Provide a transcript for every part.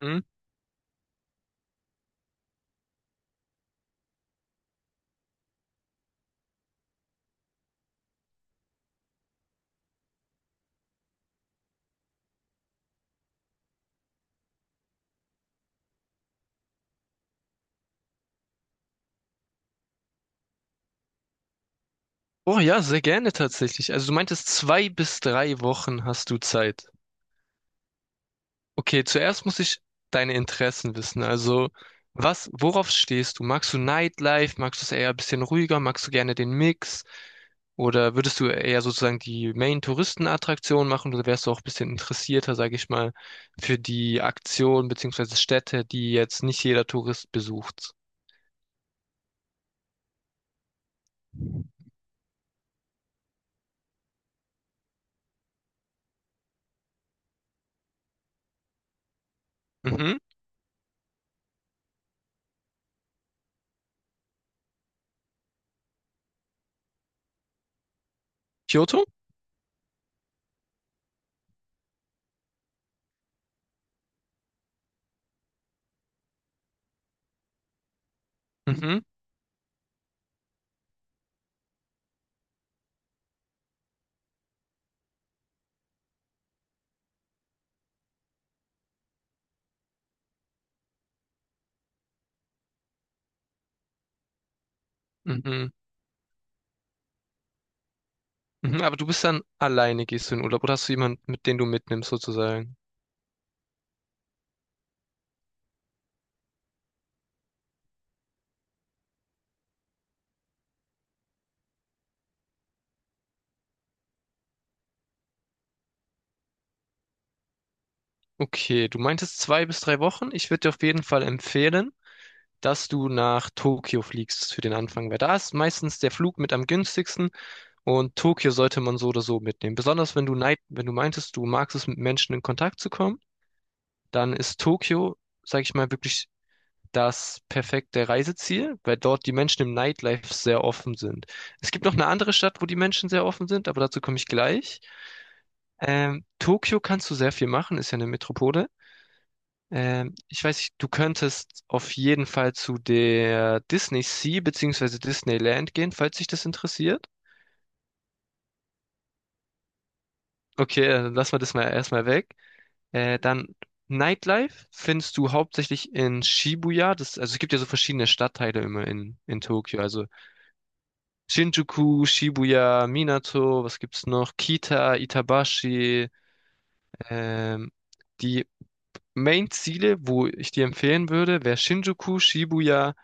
Mhm. Oh ja, sehr gerne tatsächlich. Also du meintest, 2 bis 3 Wochen hast du Zeit. Okay, zuerst muss ich deine Interessen wissen. Also worauf stehst du? Magst du Nightlife? Magst du es eher ein bisschen ruhiger? Magst du gerne den Mix? Oder würdest du eher sozusagen die Main-Touristenattraktion machen? Oder wärst du auch ein bisschen interessierter, sage ich mal, für die Aktion beziehungsweise Städte, die jetzt nicht jeder Tourist besucht? Mhm. Kyoto? Mhm. Mhm. Mhm, aber du bist dann alleine, gehst du in Urlaub oder hast du jemanden, mit den du mitnimmst sozusagen? Okay, du meintest 2 bis 3 Wochen. Ich würde dir auf jeden Fall empfehlen, dass du nach Tokio fliegst für den Anfang, weil da ist meistens der Flug mit am günstigsten und Tokio sollte man so oder so mitnehmen. Besonders wenn du wenn du meintest, du magst es mit Menschen in Kontakt zu kommen, dann ist Tokio, sag ich mal, wirklich das perfekte Reiseziel, weil dort die Menschen im Nightlife sehr offen sind. Es gibt noch eine andere Stadt, wo die Menschen sehr offen sind, aber dazu komme ich gleich. Tokio kannst du sehr viel machen, ist ja eine Metropole. Ich weiß nicht, du könntest auf jeden Fall zu der Disney Sea bzw. Disneyland gehen, falls dich das interessiert. Okay, dann lassen wir das mal erstmal weg. Dann Nightlife findest du hauptsächlich in Shibuya. Also es gibt ja so verschiedene Stadtteile immer in Tokio. Also Shinjuku, Shibuya, Minato, was gibt's noch? Kita, Itabashi, ähm, die Main-Ziele, wo ich dir empfehlen würde, wäre Shinjuku, Shibuya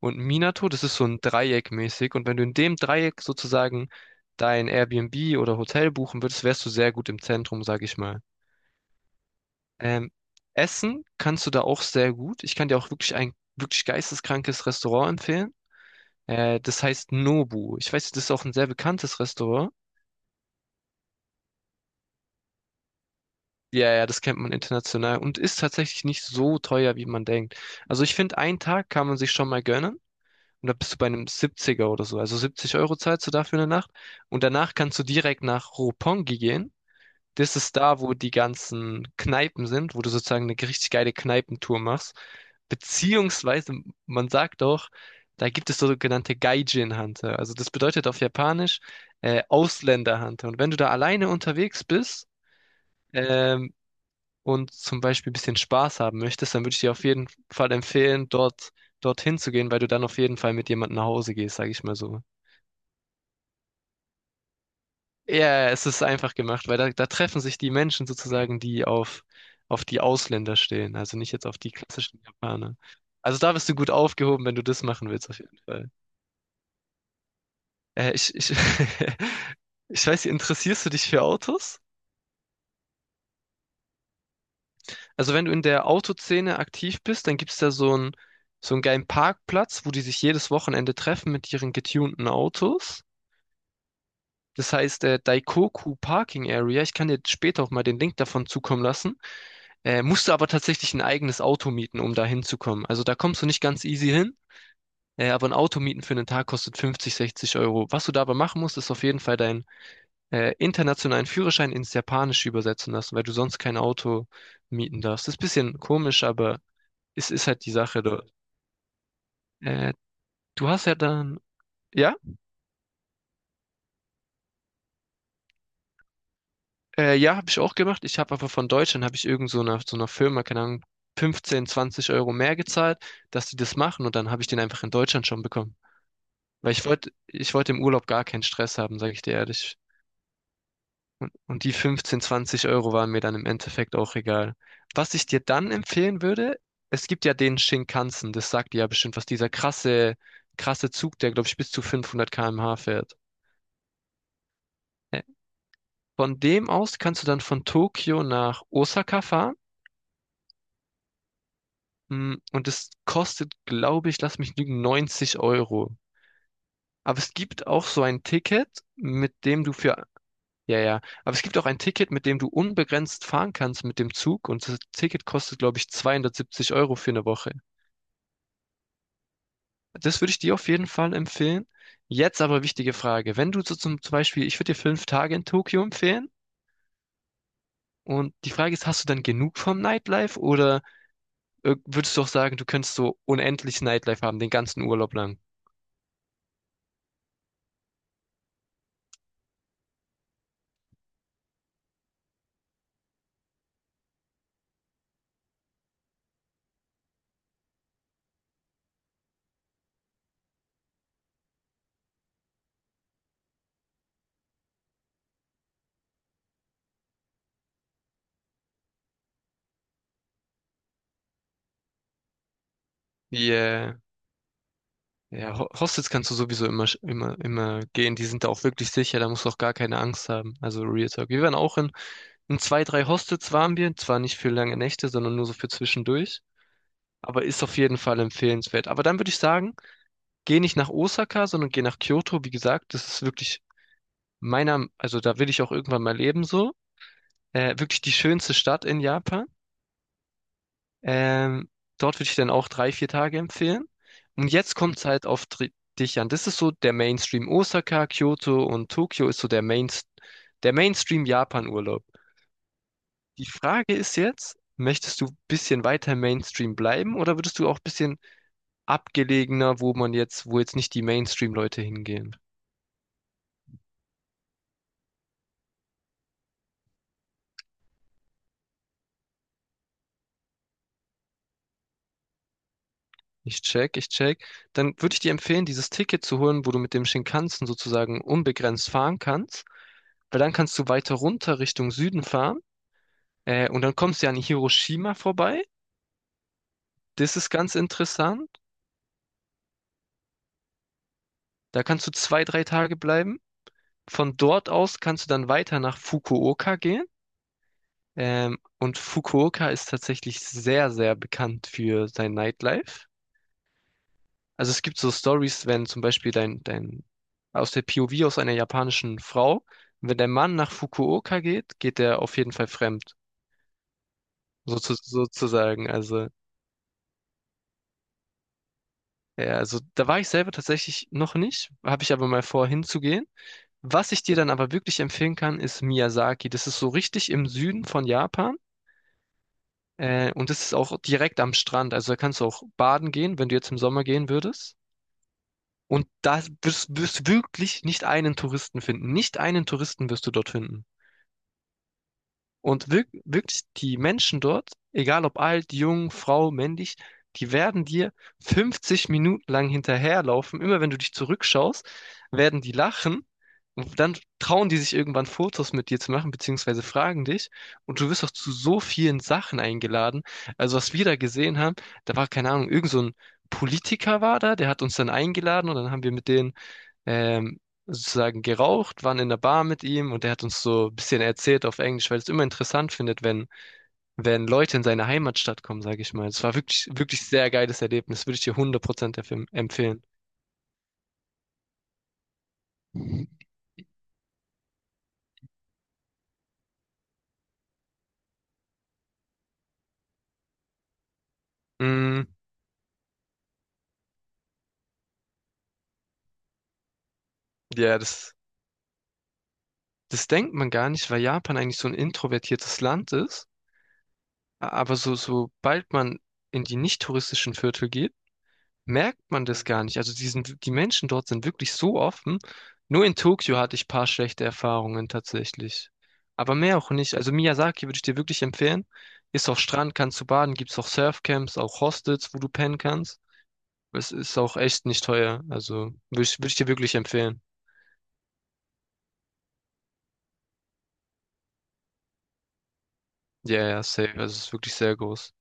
und Minato. Das ist so ein Dreieck mäßig. Und wenn du in dem Dreieck sozusagen dein Airbnb oder Hotel buchen würdest, wärst du sehr gut im Zentrum, sag ich mal. Ähm, Essen kannst du da auch sehr gut. Ich kann dir auch wirklich ein wirklich geisteskrankes Restaurant empfehlen. Das heißt Nobu. Ich weiß, das ist auch ein sehr bekanntes Restaurant. Ja, ja, das kennt man international und ist tatsächlich nicht so teuer, wie man denkt. Also ich finde, einen Tag kann man sich schon mal gönnen. Und da bist du bei einem 70er oder so. Also 70 Euro zahlst du dafür eine Nacht. Und danach kannst du direkt nach Roppongi gehen. Das ist da, wo die ganzen Kneipen sind, wo du sozusagen eine richtig geile Kneipentour machst. Beziehungsweise, man sagt auch, da gibt es sogenannte Gaijin-Hunter. Also das bedeutet auf Japanisch Ausländer-Hunter. Und wenn du da alleine unterwegs bist, ähm, und zum Beispiel ein bisschen Spaß haben möchtest, dann würde ich dir auf jeden Fall empfehlen, dorthin zu gehen, weil du dann auf jeden Fall mit jemandem nach Hause gehst, sage ich mal so. Ja, es ist einfach gemacht, weil da treffen sich die Menschen sozusagen, die auf die Ausländer stehen, also nicht jetzt auf die klassischen Japaner. Also da bist du gut aufgehoben, wenn du das machen willst, auf jeden Fall. Äh, ich, ich, ich weiß nicht, interessierst du dich für Autos? Also wenn du in der Autoszene aktiv bist, dann gibt es da so einen geilen Parkplatz, wo die sich jedes Wochenende treffen mit ihren getunten Autos. Das heißt, Daikoku Parking Area. Ich kann dir später auch mal den Link davon zukommen lassen. Musst du aber tatsächlich ein eigenes Auto mieten, um da hinzukommen. Also da kommst du nicht ganz easy hin, aber ein Auto mieten für einen Tag kostet 50, 60 Euro. Was du dabei machen musst, ist auf jeden Fall deinen internationalen Führerschein ins Japanische übersetzen lassen, weil du sonst kein Auto mieten darfst. Ist ein bisschen komisch, aber es ist halt die Sache dort. Äh, Du hast ja dann, ja, ja, habe ich auch gemacht. Ich habe aber von Deutschland, habe ich irgend so einer Firma, keine Ahnung, 15, 20 Euro mehr gezahlt, dass die das machen und dann habe ich den einfach in Deutschland schon bekommen. Weil ich wollte im Urlaub gar keinen Stress haben, sage ich dir ehrlich. Und die 15, 20 Euro waren mir dann im Endeffekt auch egal. Was ich dir dann empfehlen würde, es gibt ja den Shinkansen, das sagt dir ja bestimmt was, dieser krasse, krasse Zug, der, glaube ich, bis zu 500 km/h fährt. Äh, Von dem aus kannst du dann von Tokio nach Osaka fahren. Und es kostet, glaube ich, lass mich lügen, 90 Euro. Aber es gibt auch so ein Ticket, mit dem du für. Ja, ja. Aber es gibt auch ein Ticket, mit dem du unbegrenzt fahren kannst mit dem Zug. Und das Ticket kostet, glaube ich, 270 Euro für eine Woche. Das würde ich dir auf jeden Fall empfehlen. Jetzt aber wichtige Frage. Wenn du so zum Beispiel, ich würde dir 5 Tage in Tokio empfehlen. Und die Frage ist, hast du dann genug vom Nightlife oder würdest du auch sagen, du könntest so unendlich Nightlife haben, den ganzen Urlaub lang? Yeah. Ja, Hostels kannst du sowieso immer gehen. Die sind da auch wirklich sicher. Da musst du auch gar keine Angst haben. Also Real Talk. Wir waren auch. In zwei, drei Hostels waren wir, zwar nicht für lange Nächte, sondern nur so für zwischendurch, aber ist auf jeden Fall empfehlenswert. Aber dann würde ich sagen, geh nicht nach Osaka, sondern geh nach Kyoto. Wie gesagt, das ist wirklich meiner, also da will ich auch irgendwann mal leben so. Wirklich die schönste Stadt in Japan. Ähm, dort würde ich dann auch 3, 4 Tage empfehlen. Und jetzt kommt es halt auf dich an. Das ist so der Mainstream. Osaka, Kyoto und Tokio ist so der Mainstream Japan-Urlaub. Die Frage ist jetzt, möchtest du ein bisschen weiter Mainstream bleiben oder würdest du auch ein bisschen abgelegener, wo jetzt nicht die Mainstream-Leute hingehen? Ich check, ich check. Dann würde ich dir empfehlen, dieses Ticket zu holen, wo du mit dem Shinkansen sozusagen unbegrenzt fahren kannst, weil dann kannst du weiter runter Richtung Süden fahren und dann kommst du ja an Hiroshima vorbei. Das ist ganz interessant. Da kannst du 2, 3 Tage bleiben. Von dort aus kannst du dann weiter nach Fukuoka gehen. Und Fukuoka ist tatsächlich sehr, sehr bekannt für sein Nightlife. Also es gibt so Stories, wenn zum Beispiel aus der POV aus einer japanischen Frau, wenn der Mann nach Fukuoka geht, geht er auf jeden Fall fremd, sozusagen. Also, ja, also da war ich selber tatsächlich noch nicht, habe ich aber mal vor, hinzugehen. Was ich dir dann aber wirklich empfehlen kann, ist Miyazaki. Das ist so richtig im Süden von Japan. Und das ist auch direkt am Strand. Also da kannst du auch baden gehen, wenn du jetzt im Sommer gehen würdest. Und da wirst wirklich nicht einen Touristen finden. Nicht einen Touristen wirst du dort finden. Und wirklich die Menschen dort, egal ob alt, jung, Frau, männlich, die werden dir 50 Minuten lang hinterherlaufen. Immer wenn du dich zurückschaust, werden die lachen. Und dann trauen die sich irgendwann Fotos mit dir zu machen, beziehungsweise fragen dich. Und du wirst auch zu so vielen Sachen eingeladen. Also was wir da gesehen haben, da war keine Ahnung, irgend so ein Politiker war da, der hat uns dann eingeladen und dann haben wir mit denen ähm, sozusagen geraucht, waren in der Bar mit ihm und er hat uns so ein bisschen erzählt auf Englisch, weil er es immer interessant findet, wenn Leute in seine Heimatstadt kommen, sage ich mal. Es war wirklich, wirklich sehr geiles Erlebnis, würde ich dir 100% empfehlen. Mm, ja, das denkt man gar nicht, weil Japan eigentlich so ein introvertiertes Land ist. Aber so, sobald man in die nicht touristischen Viertel geht, merkt man das gar nicht. Also die Menschen dort sind wirklich so offen. Nur in Tokio hatte ich ein paar schlechte Erfahrungen tatsächlich. Aber mehr auch nicht. Also Miyazaki würde ich dir wirklich empfehlen. Ist auch Strand, kannst du baden, gibt's auch Surfcamps, auch Hostels, wo du pennen kannst. Es ist auch echt nicht teuer. Also würde ich, würd ich dir wirklich empfehlen. Ja, ja, safe. Also es ist wirklich sehr groß.